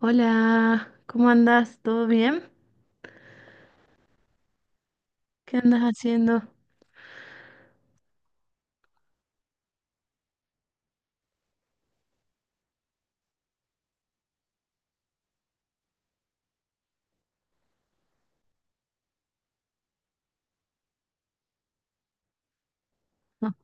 Hola, ¿cómo andás? ¿Todo bien? ¿Qué andas haciendo? No.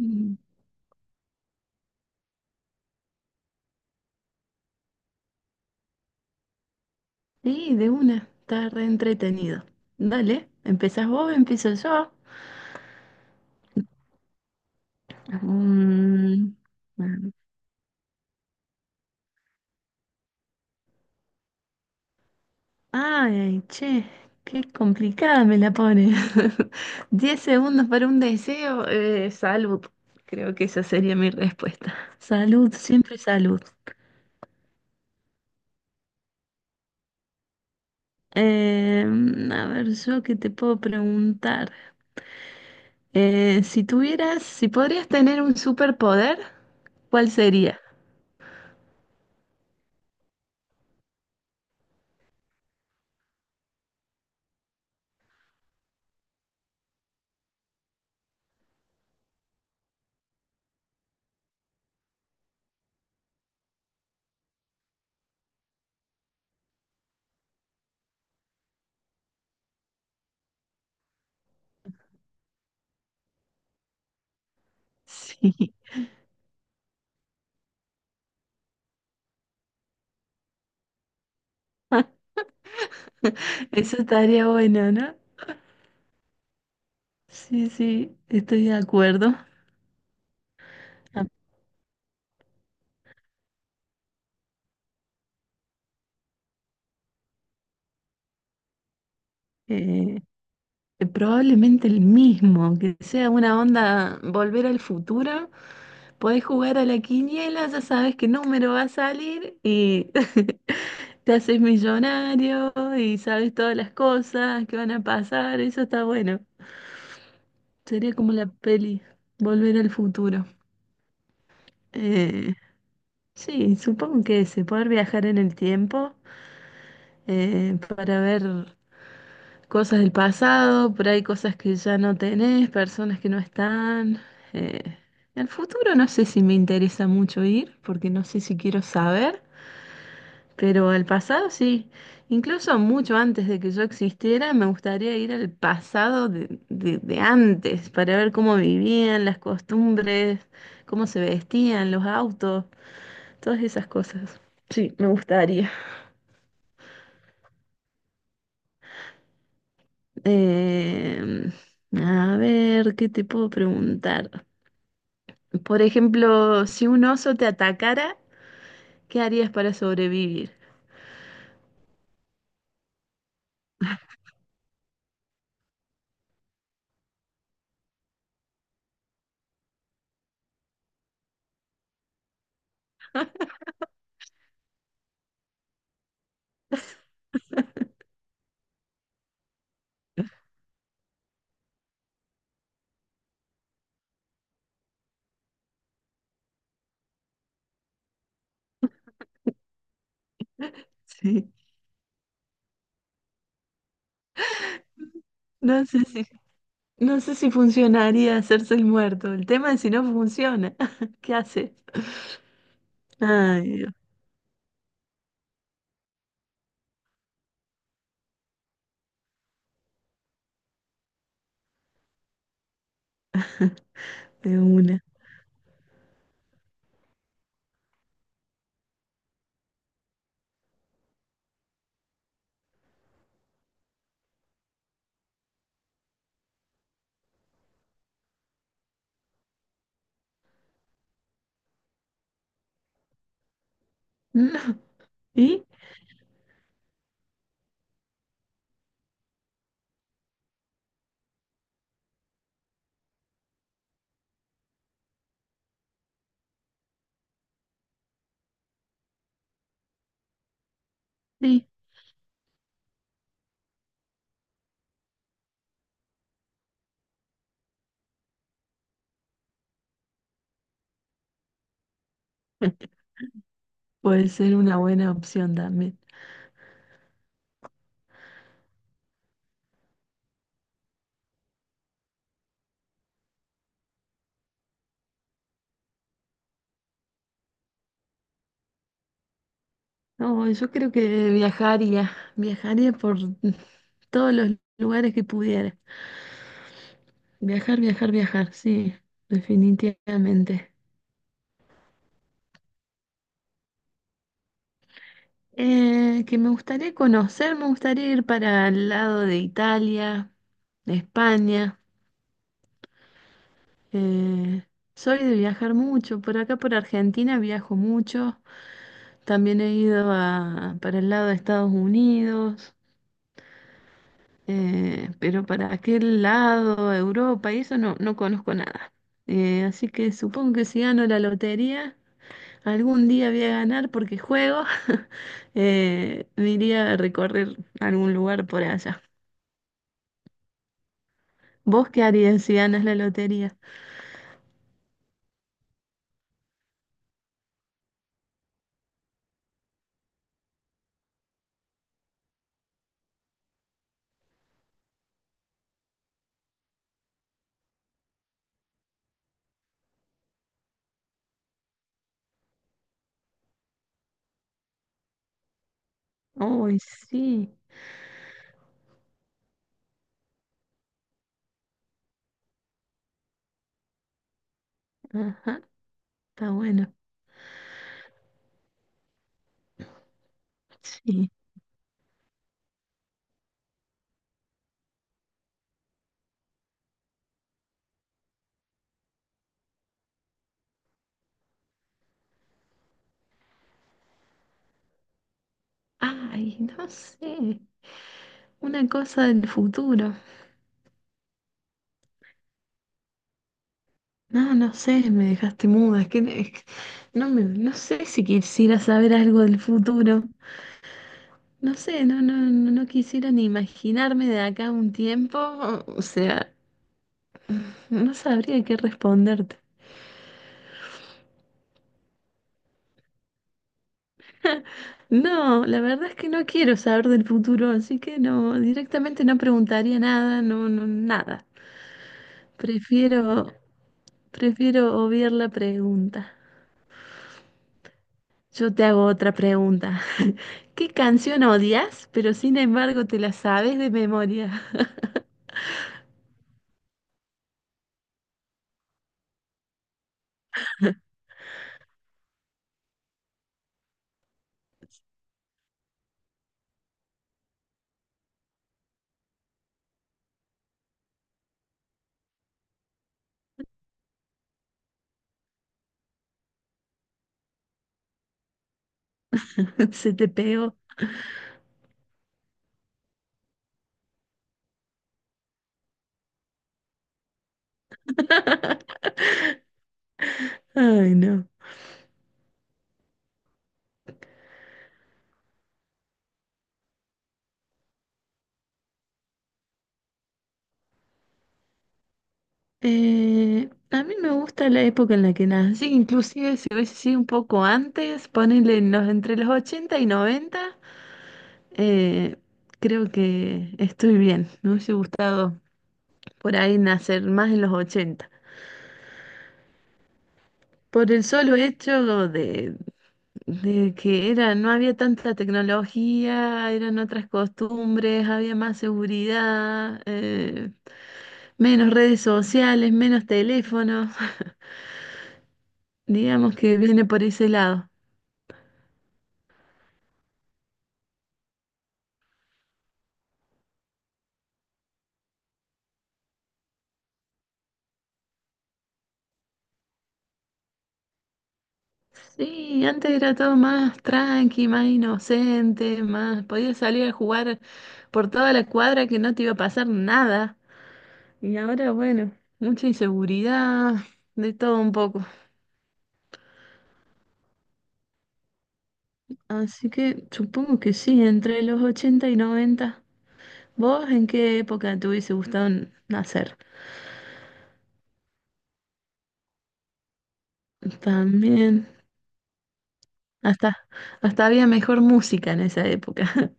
Mm, sí, de una, está re entretenido. Dale, ¿empezás vos? ¿Empiezo yo? Mm, Ay, che, qué complicada me la pone. 10 segundos para un deseo, salud. Creo que esa sería mi respuesta. Salud, siempre salud. A ver, yo qué te puedo preguntar. Si podrías tener un superpoder, ¿cuál sería? Sí, eso estaría bueno, ¿no? Sí, sí, estoy de acuerdo. Ah. Eh, Probablemente el mismo, que sea una onda volver al futuro, podés jugar a la quiniela, ya sabes qué número va a salir y te haces millonario y sabes todas las cosas que van a pasar, eso está bueno. Sería como la peli Volver al futuro. Eh, sí, supongo que ese, poder viajar en el tiempo para ver cosas del pasado, por ahí cosas que ya no tenés, personas que no están. Eh, el futuro no sé si me interesa mucho ir, porque no sé si quiero saber. Pero al pasado sí, incluso mucho antes de que yo existiera. Me gustaría ir al pasado de antes, para ver cómo vivían, las costumbres, cómo se vestían, los autos, todas esas cosas. Sí, me gustaría. Em, a ver, ¿qué te puedo preguntar? Por ejemplo, si un oso te atacara, ¿qué harías para sobrevivir? Sí. No sé si no sé si funcionaría hacerse el muerto. El tema es si no funciona. ¿Qué hace? Ay, Dios, de una. No. ¿Y? Sí, puede ser una buena opción también. No, yo creo que viajaría. Viajaría por todos los lugares que pudiera. Viajar, viajar, viajar, sí, definitivamente. Que me gustaría conocer, me gustaría ir para el lado de Italia, de España. Eh, Soy de viajar mucho, por acá por Argentina viajo mucho, también he ido a, para el lado de Estados Unidos, pero para aquel lado, Europa, y eso no, no conozco nada. Así que supongo que si gano la lotería, algún día voy a ganar porque juego, me iría a recorrer algún lugar por allá. ¿Vos qué harías si ganas la lotería? Uy, sí, ajá, está bueno, sí. Ay, no sé. Una cosa del futuro. No, no sé, me dejaste muda. Es que no me, no sé si quisiera saber algo del futuro. No sé, no, no, no, no quisiera ni imaginarme de acá a un tiempo. O sea, no sabría qué responderte. No, la verdad es que no quiero saber del futuro, así que no, directamente no preguntaría nada, no, no, nada. Prefiero, Prefiero obviar la pregunta. Yo te hago otra pregunta. ¿Qué canción odias, pero sin embargo te la sabes de memoria? Se te pegó. Ay, no. A mí me gusta la época en la que nací, inclusive si hubiese sido un poco antes, ponele entre los 80 y 90. eh, Creo que estoy bien. Me hubiese gustado por ahí nacer más en los 80. Por el solo hecho de que era, no había tanta tecnología, eran otras costumbres, había más seguridad, menos redes sociales, menos teléfonos, digamos que viene por ese lado. Sí, antes era todo más tranqui, más inocente, más podías salir a jugar por toda la cuadra que no te iba a pasar nada. Y ahora, bueno, mucha inseguridad, de todo un poco. Así que supongo que sí, entre los 80 y 90. ¿Vos en qué época te hubiese gustado nacer? También, hasta, hasta había mejor música en esa época.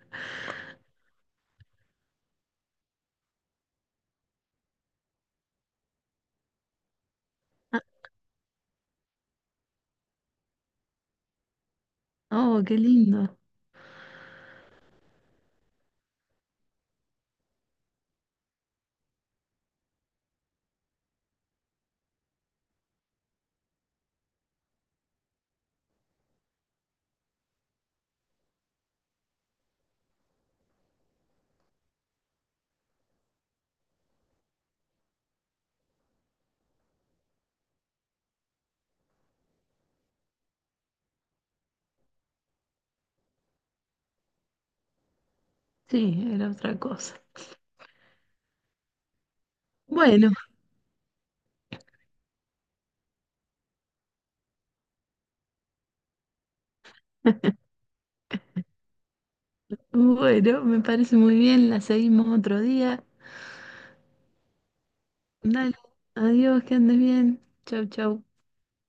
Ah. Oh, qué lindo. Sí, era otra cosa. Bueno, bueno, me parece muy bien. La seguimos otro día. Dale, adiós, que andes bien. Chau, chau.